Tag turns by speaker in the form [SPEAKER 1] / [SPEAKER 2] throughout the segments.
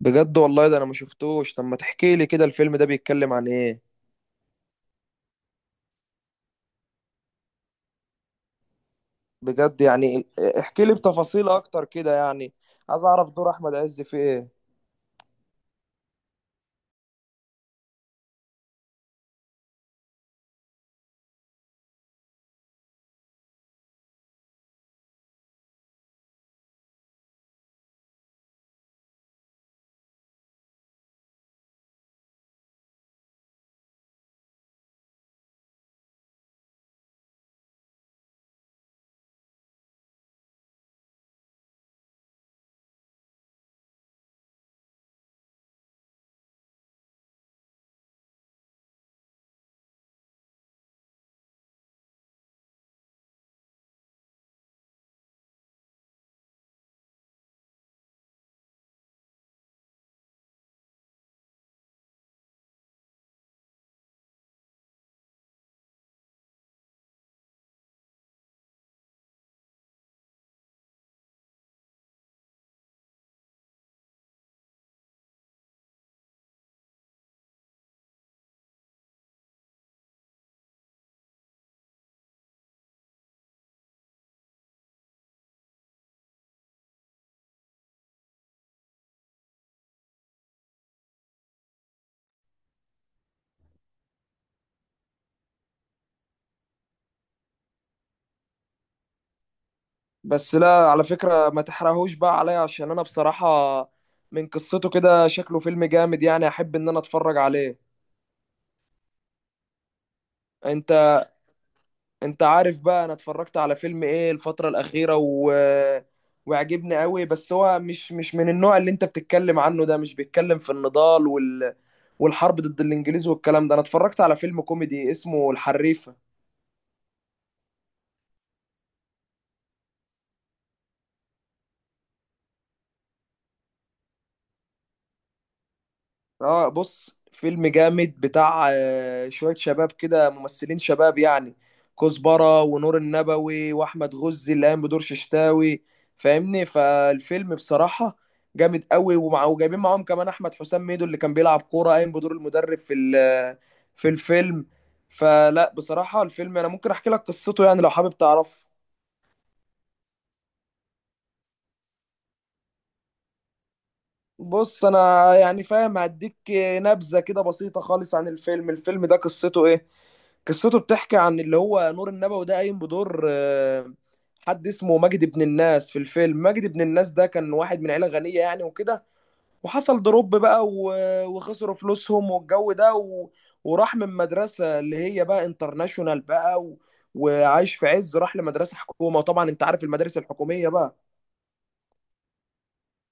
[SPEAKER 1] بجد والله ده انا ما شفتوش. طب ما تحكي لي كده، الفيلم ده بيتكلم عن ايه؟ بجد يعني؟ احكي لي بتفاصيل اكتر كده يعني. عايز اعرف دور احمد عز في ايه. بس لا على فكرة ما تحرقهوش بقى عليا، عشان انا بصراحة من قصته كده شكله فيلم جامد، يعني احب ان انا اتفرج عليه. انت انت عارف بقى انا اتفرجت على فيلم ايه الفترة الأخيرة وعجبني قوي، بس هو مش من النوع اللي انت بتتكلم عنه ده، مش بيتكلم في النضال والحرب ضد الانجليز والكلام ده. انا اتفرجت على فيلم كوميدي اسمه الحريفة. اه بص، فيلم جامد بتاع شوية شباب كده، ممثلين شباب يعني، كزبرة ونور النبوي واحمد غزي اللي قام بدور ششتاوي. فاهمني؟ فالفيلم بصراحة جامد قوي، ومع وجايبين معاهم كمان احمد حسام ميدو اللي كان بيلعب كورة، قايم بدور المدرب في الفيلم. فلا بصراحة الفيلم انا ممكن احكي لك قصته يعني لو حابب تعرفه. بص انا يعني فاهم هديك نبذة كده بسيطة خالص عن الفيلم. الفيلم ده قصته ايه؟ قصته بتحكي عن اللي هو نور النبوي ده، قايم بدور حد اسمه مجدي بن الناس في الفيلم. مجدي بن الناس ده كان واحد من عيلة غنية يعني وكده، وحصل دروب بقى وخسروا فلوسهم والجو ده وراح من مدرسة اللي هي بقى انترناشونال بقى وعايش في عز، راح لمدرسة حكومة. وطبعا انت عارف المدارس الحكومية بقى،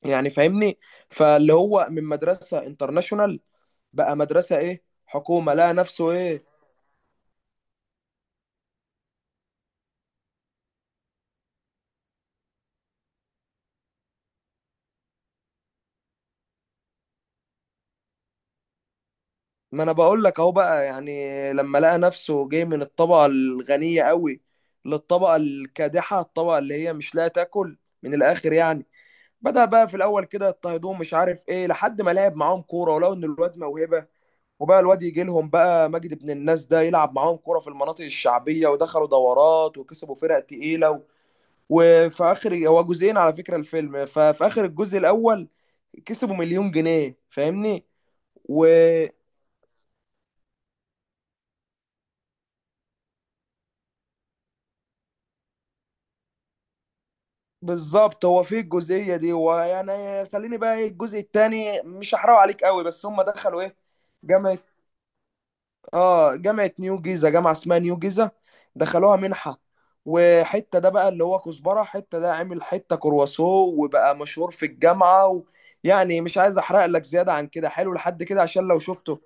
[SPEAKER 1] يعني فاهمني. فاللي هو من مدرسة انترناشونال بقى مدرسة ايه، حكومة، لقى نفسه ايه. ما انا بقول لك اهو بقى، يعني لما لقى نفسه جاي من الطبقه الغنيه قوي للطبقه الكادحه، الطبقه اللي هي مش لاقيه تاكل، من الاخر يعني. بدأ بقى في الاول كده يضطهدوه مش عارف ايه، لحد ما لعب معاهم كوره، ولو ان الواد موهبه. وبقى الواد يجي لهم بقى، مجد ابن الناس ده، يلعب معاهم كوره في المناطق الشعبيه، ودخلوا دورات وكسبوا فرق تقيله وفي اخر، هو جزئين على فكره الفيلم، ففي اخر الجزء الاول كسبوا مليون جنيه. فاهمني؟ و بالظبط، هو في الجزئيه دي. ويعني خليني بقى، ايه الجزء الثاني مش هحرق عليك قوي، بس هم دخلوا ايه، جامعه. اه جامعه نيو جيزه، جامعه اسمها نيو جيزه، دخلوها منحه. وحته ده بقى اللي هو كزبره، حته ده عمل حته كرواسو وبقى مشهور في الجامعه يعني مش عايز احرق لك زياده عن كده، حلو لحد كده عشان لو شفته.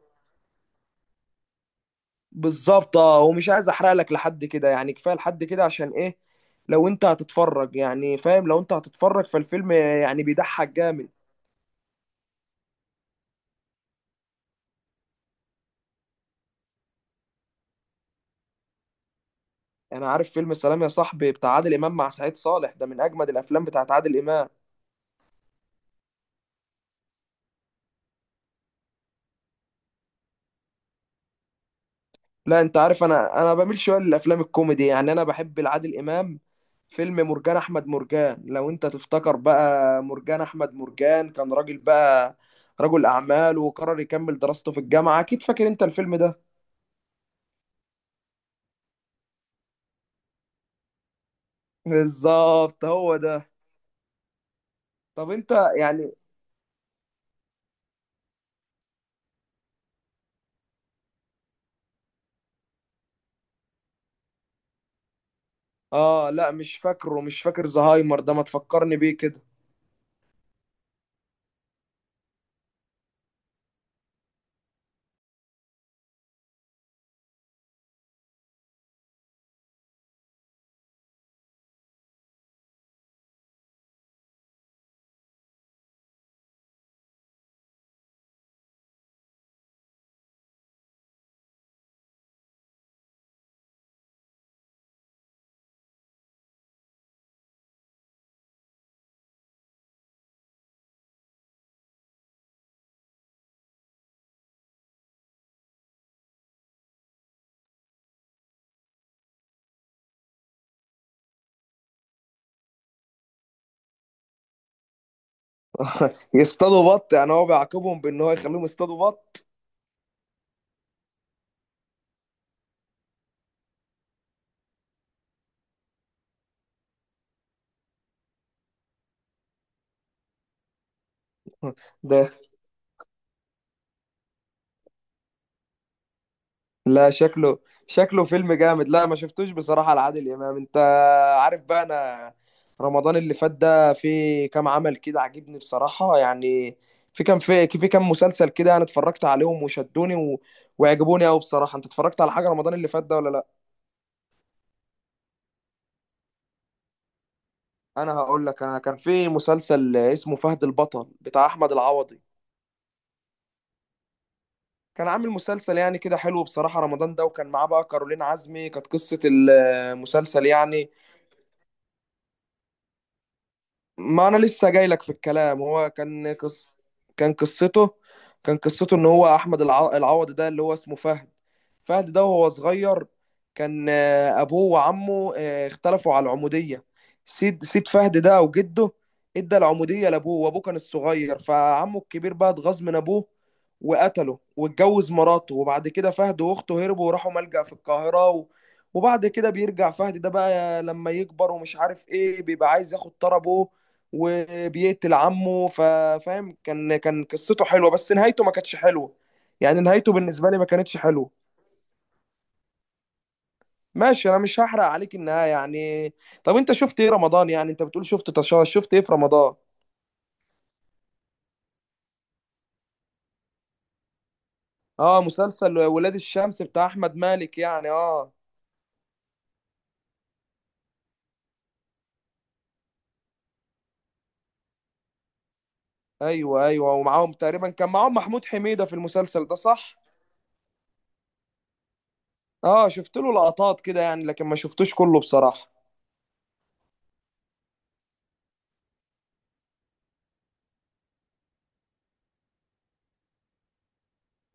[SPEAKER 1] بالظبط، اه ومش عايز احرق لك لحد كده، يعني كفايه لحد كده، عشان ايه، لو انت هتتفرج يعني، فاهم؟ لو انت هتتفرج فالفيلم يعني بيضحك جامد. انا عارف فيلم سلام يا صاحبي بتاع عادل امام مع سعيد صالح، ده من اجمد الافلام بتاعت عادل امام. لا انت عارف انا بميل شويه للافلام الكوميدي، يعني انا بحب لعادل امام فيلم مرجان احمد مرجان. لو انت تفتكر بقى، مرجان احمد مرجان كان راجل بقى، رجل اعمال، وقرر يكمل دراسته في الجامعه. اكيد فاكر انت الفيلم ده. بالظبط، هو ده. طب انت يعني. اه لا مش فاكره، مش فاكر زهايمر ده، ما تفكرني بيه كده. يصطادوا بط؟ يعني هو بيعاقبهم بان هو يخليهم يصطادوا بط؟ ده لا شكله، شكله فيلم جامد. لا ما شفتوش بصراحة لعادل إمام. انت عارف بقى انا رمضان اللي فات ده في كام عمل كده عجبني بصراحة يعني، في كام، في كام مسلسل كده انا اتفرجت عليهم وشدوني وعجبوني قوي بصراحة. انت اتفرجت على حاجة رمضان اللي فات ده ولا لا؟ انا هقول لك، انا كان في مسلسل اسمه فهد البطل بتاع احمد العوضي. كان عامل مسلسل يعني كده حلو بصراحة رمضان ده، وكان معاه بقى كارولين عزمي. كانت قصة المسلسل يعني، ما انا لسه جاي لك في الكلام. هو كان قصته كان قصته ان هو احمد العوضي ده اللي هو اسمه فهد. فهد ده وهو صغير كان ابوه وعمه اختلفوا على العمودية. سيد فهد ده وجده ادى العمودية لابوه، وابوه كان الصغير، فعمه الكبير بقى اتغاظ من ابوه وقتله واتجوز مراته. وبعد كده فهد واخته هربوا وراحوا ملجأ في القاهرة وبعد كده بيرجع فهد ده بقى لما يكبر ومش عارف ايه، بيبقى عايز ياخد طربه وبيقتل عمه. ففاهم، كان قصته حلوه بس نهايته ما كانتش حلوه، يعني نهايته بالنسبه لي ما كانتش حلوه. ماشي انا مش هحرق عليك النهايه يعني. طب انت شفت ايه رمضان يعني، انت بتقول شفت شفت ايه في رمضان؟ اه مسلسل ولاد الشمس بتاع احمد مالك، يعني اه ايوه ايوه، ومعاهم تقريبا كان معاهم محمود حميده في المسلسل ده، صح؟ اه شفت له لقطات كده يعني لكن ما شفتوش كله بصراحه.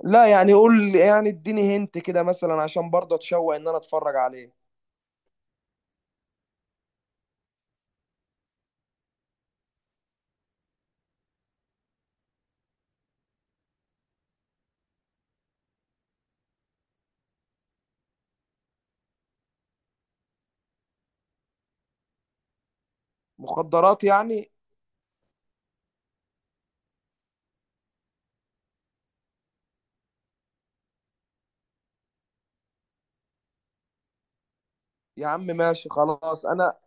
[SPEAKER 1] لا يعني قول يعني، اديني هنت كده مثلا عشان برضه اتشوق ان انا اتفرج عليه. مخدرات يعني؟ يا عم ماشي خلاص، انا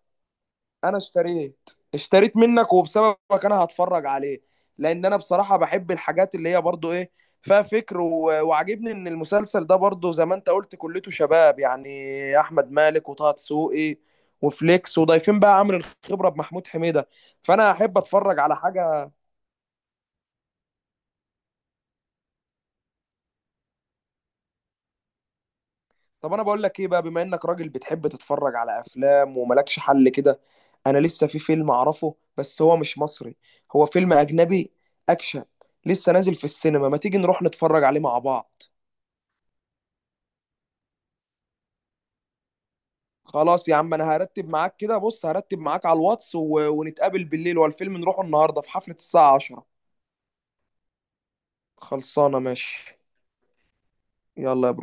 [SPEAKER 1] انا اشتريت منك وبسببك انا هتفرج عليه. لان انا بصراحة بحب الحاجات اللي هي برضو ايه، فيها فكر وعجبني ان المسلسل ده برضو زي ما انت قلت كلته شباب يعني، احمد مالك وطه دسوقي وفليكس، وضايفين بقى عامل الخبرة بمحمود حميدة. فانا احب اتفرج على حاجة. طب انا بقول لك ايه بقى، بما انك راجل بتحب تتفرج على افلام وملكش حل كده، انا لسه في فيلم اعرفه بس هو مش مصري، هو فيلم اجنبي، اكشن، لسه نازل في السينما. ما تيجي نروح نتفرج عليه مع بعض؟ خلاص يا عم انا هرتب معاك كده. بص هرتب معاك على الواتس ونتقابل بالليل، والفيلم نروحه النهارده في حفلة الساعة 10. خلصانة ماشي. يلا يا